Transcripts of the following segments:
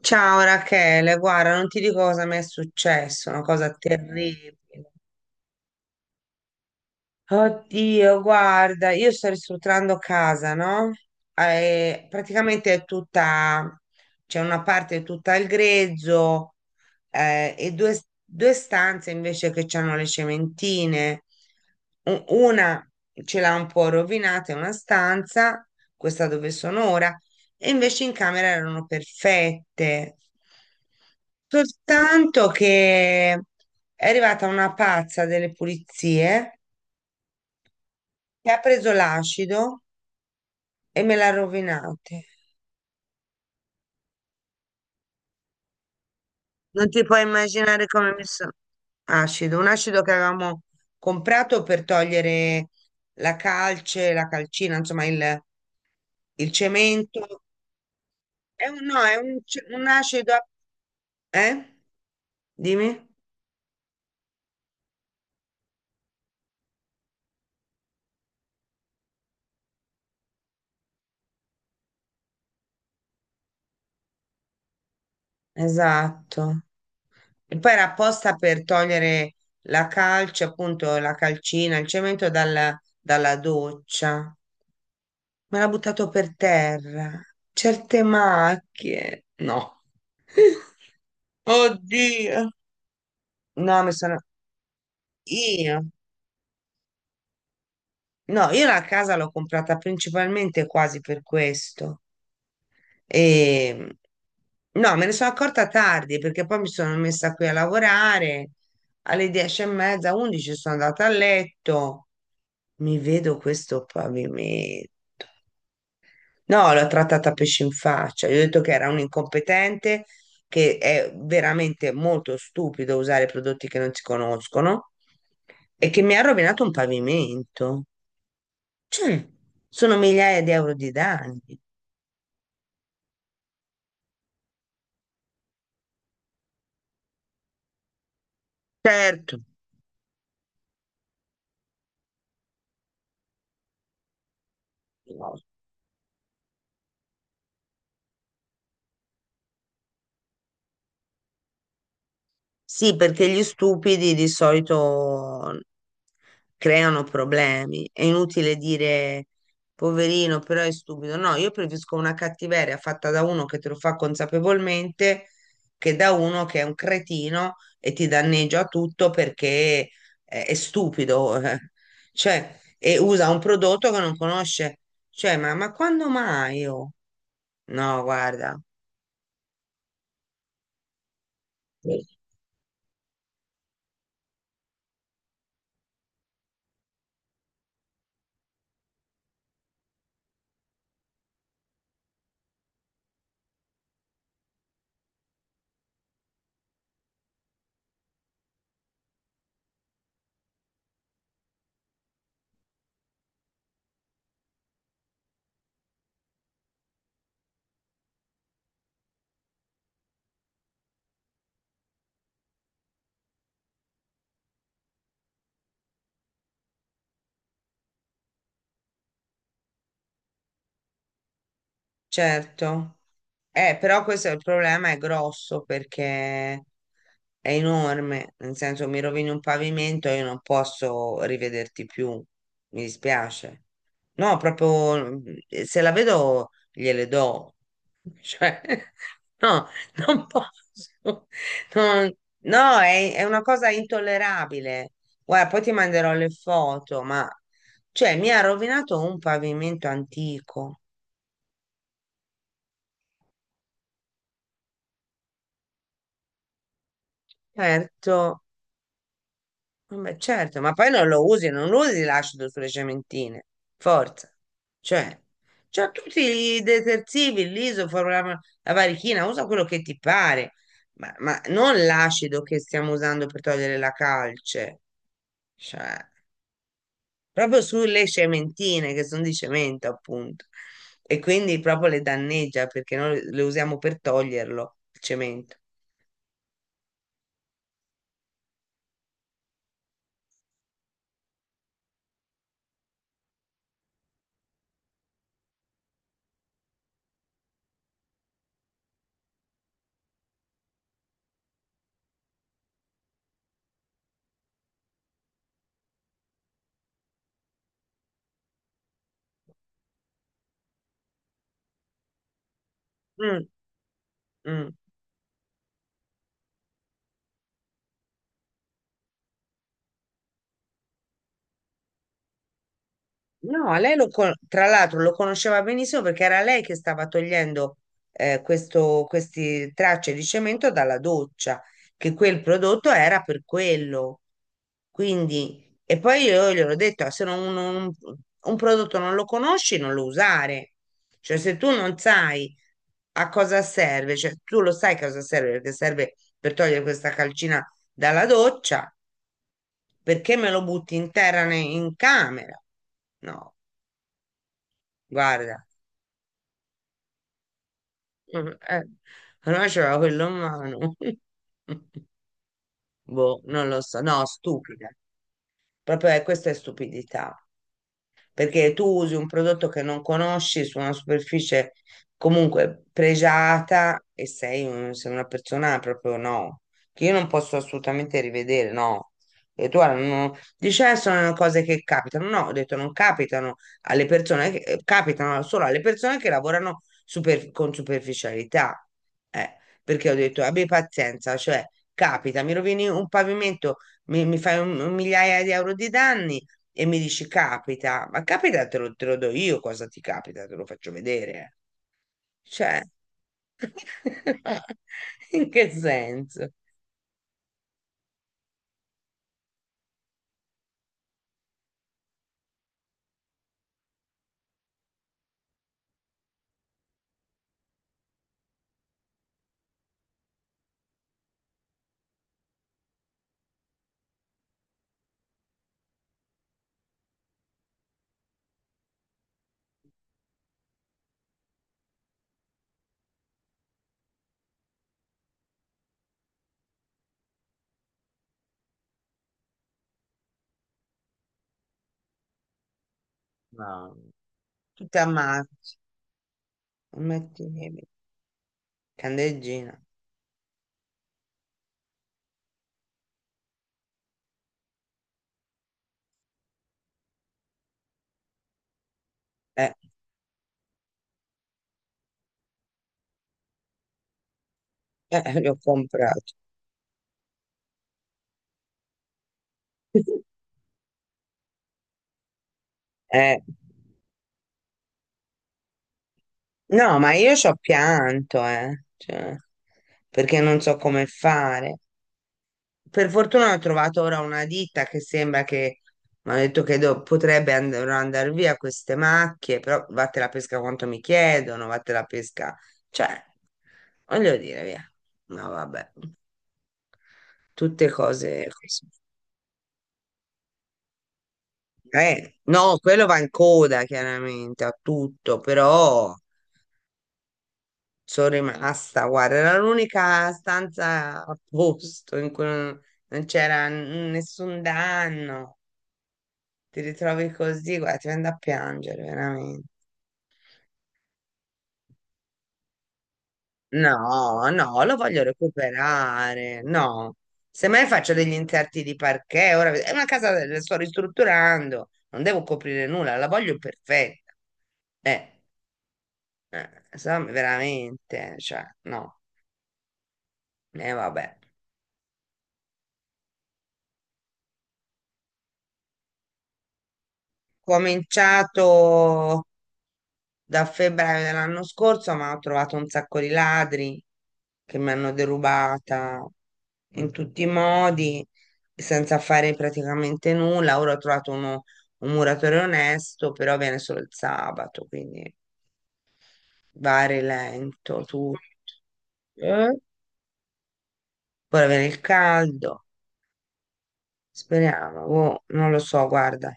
Ciao Rachele, guarda, non ti dico cosa mi è successo, una cosa terribile. Oddio, guarda, io sto ristrutturando casa, no? Praticamente è tutta, c'è una parte tutta al grezzo, e due stanze invece che hanno le cementine. Una ce l'ha un po' rovinata, è una stanza, questa dove sono ora, e invece in camera erano perfette. Soltanto che è arrivata una pazza delle pulizie che ha preso l'acido e me l'ha rovinata. Non ti puoi immaginare come mi sono acido, un acido che avevamo comprato per togliere la calce, la calcina, insomma il cemento. È un, no, è un, ce- Un acido, eh? Dimmi. Esatto. E poi era apposta per togliere la calce, appunto la calcina, il cemento dalla, dalla doccia. Me l'ha buttato per terra. Certe macchie. No. Oddio. No, mi sono... Io? No, io la casa l'ho comprata principalmente quasi per questo. E... No, me ne sono accorta tardi perché poi mi sono messa qui a lavorare alle 10 e mezza, 11 sono andata a letto. Mi vedo questo pavimento. No, l'ho trattata a pesce in faccia. Gli ho detto che era un incompetente, che è veramente molto stupido usare prodotti che non si conoscono e che mi ha rovinato un pavimento. Cioè, sono migliaia di euro di danni. Certo. Sì, perché gli stupidi di solito creano problemi. È inutile dire poverino, però è stupido. No, io preferisco una cattiveria fatta da uno che te lo fa consapevolmente che da uno che è un cretino e ti danneggia tutto perché è stupido. eh. Cioè, e usa un prodotto che non conosce. Cioè, quando mai? Oh? No, guarda, certo. Però questo è il problema, è grosso perché è enorme, nel senso mi rovini un pavimento e io non posso rivederti più, mi dispiace. No, proprio se la vedo gliele do. Cioè, no, non posso. Non- no, è una cosa intollerabile. Guarda, poi ti manderò le foto, ma cioè, mi ha rovinato un pavimento antico. Certo, vabbè, certo, ma poi non lo usi, non usi l'acido sulle cementine. Forza. Cioè, c'ha tutti i detersivi, l'isoforo, la varichina, usa quello che ti pare, ma non l'acido che stiamo usando per togliere la calce. Cioè, proprio sulle cementine che sono di cemento, appunto. E quindi proprio le danneggia perché noi le usiamo per toglierlo, il cemento. Mm, mm. No, lei lo tra l'altro lo conosceva benissimo perché era lei che stava togliendo questo, queste tracce di cemento dalla doccia, che quel prodotto era per quello. Quindi, e poi io gliel'ho detto: "Ah, se non- un prodotto non lo conosci, non lo usare. Cioè, se tu non sai a cosa serve, cioè tu lo sai a cosa serve, perché serve per togliere questa calcina dalla doccia, perché me lo butti in terra in camera? No, guarda, eh, allora c'era quello in mano. Boh, non lo so, no, stupida. Proprio questa è stupidità, perché tu usi un prodotto che non conosci su una superficie comunque pregiata e sei, sei una persona proprio no, che io non posso assolutamente rivedere, no. E tu guarda, non, dici: sono cose che capitano." No, ho detto non capitano alle persone, che, capitano solo alle persone che lavorano con superficialità. Eh, perché ho detto abbi pazienza, cioè capita, mi rovini un pavimento, mi fai un migliaia di euro di danni e mi dici capita, ma capita te lo do io cosa ti capita, te lo faccio vedere. Cioè, in che senso? No. Tutta amata, mettimi candeggina. Eh, l'ho comprato. Eh, no, ma io ci ho pianto, cioè, perché non so come fare. Per fortuna ho trovato ora una ditta che sembra che mi ha detto che potrebbe andare via queste macchie, però vatte la pesca quanto mi chiedono, vatte la pesca, cioè, voglio dire, via. No, vabbè, tutte cose così. No, quello va in coda chiaramente a tutto, però sono rimasta, guarda, era l'unica stanza a posto in cui non c'era nessun danno. Ti ritrovi così, guarda, ti viene da piangere, veramente. No, no, lo voglio recuperare. No, semmai faccio degli interti di parquet. Ora è una casa, la sto ristrutturando, non devo coprire nulla, la voglio perfetta. Eh, insomma, veramente, cioè, no, e vabbè. Cominciato da febbraio dell'anno scorso, ma ho trovato un sacco di ladri che mi hanno derubata in tutti i modi, senza fare praticamente nulla. Ora ho trovato un muratore onesto, però viene solo il sabato, quindi va a rilento tutto. Eh? Ora viene il caldo, speriamo, boh, non lo so, guarda,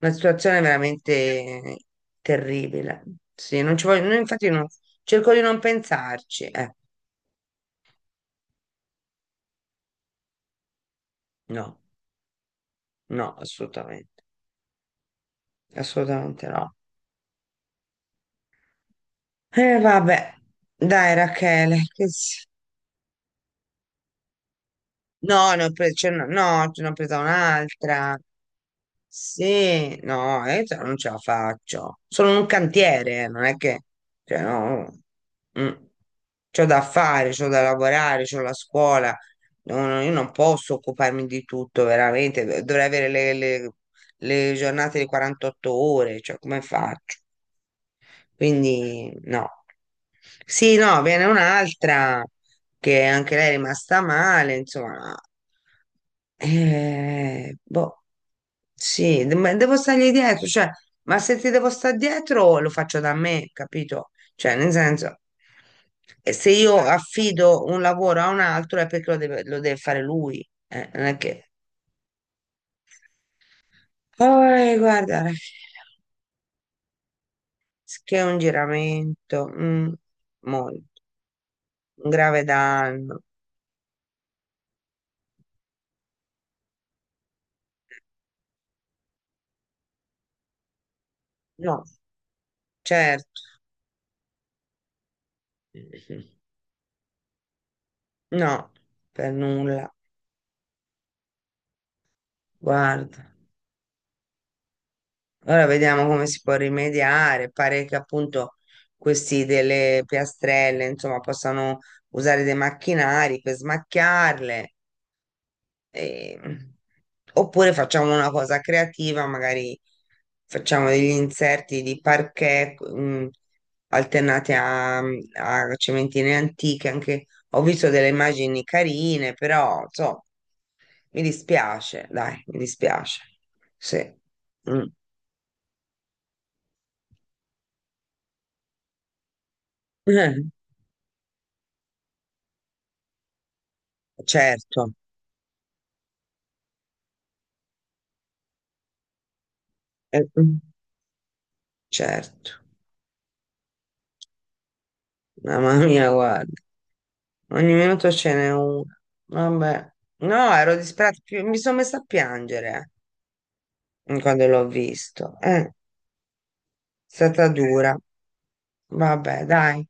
una situazione veramente terribile. Sì, non ci voglio, no, infatti non, cerco di non pensarci, no. No, assolutamente, assolutamente no. Vabbè, dai Rachele, che no, ne ho pre- ce n'ho- no, ce n'ho presa un'altra. Sì, no, cioè, non ce la faccio. Sono un cantiere, non è che, cioè, no, mm. C'ho da fare, c'ho da lavorare, c'ho la scuola. No, no, io non posso occuparmi di tutto, veramente. Dovrei avere le giornate di 48 ore, cioè, come faccio? Quindi no. Sì, no, viene un'altra che anche lei è rimasta male, insomma. Boh, sì, ma devo stargli dietro, cioè, ma se ti devo stare dietro lo faccio da me, capito? Cioè, nel senso, se io affido un lavoro a un altro è perché lo deve fare lui, non è che... Oh, guarda, alla fine, che è un giramento, mm, molto. Un grave danno. No, certo, no, per nulla. Guarda, ora vediamo come si può rimediare. Pare che appunto questi delle piastrelle, insomma, possano usare dei macchinari per smacchiarle. Ehm, oppure facciamo una cosa creativa, magari facciamo degli inserti di parquet, alternati a cementine antiche, anche ho visto delle immagini carine, però insomma, mi dispiace, dai, mi dispiace. Sì. Mm. Eh, certo, eh, mm, certo. Mamma mia, guarda, ogni minuto ce n'è una. Vabbè. No, ero disperata, mi sono messa a piangere. Eh, mm, quando l'ho visto. È stata dura. Vabbè, dai.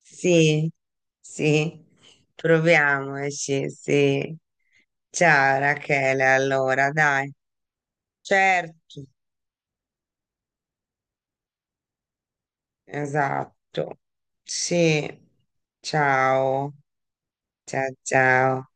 Sì, sì. Proviamoci, sì, sì. Ciao Rachele, allora, dai. Certo, esatto. Sì. Ciao. Ciao, ciao.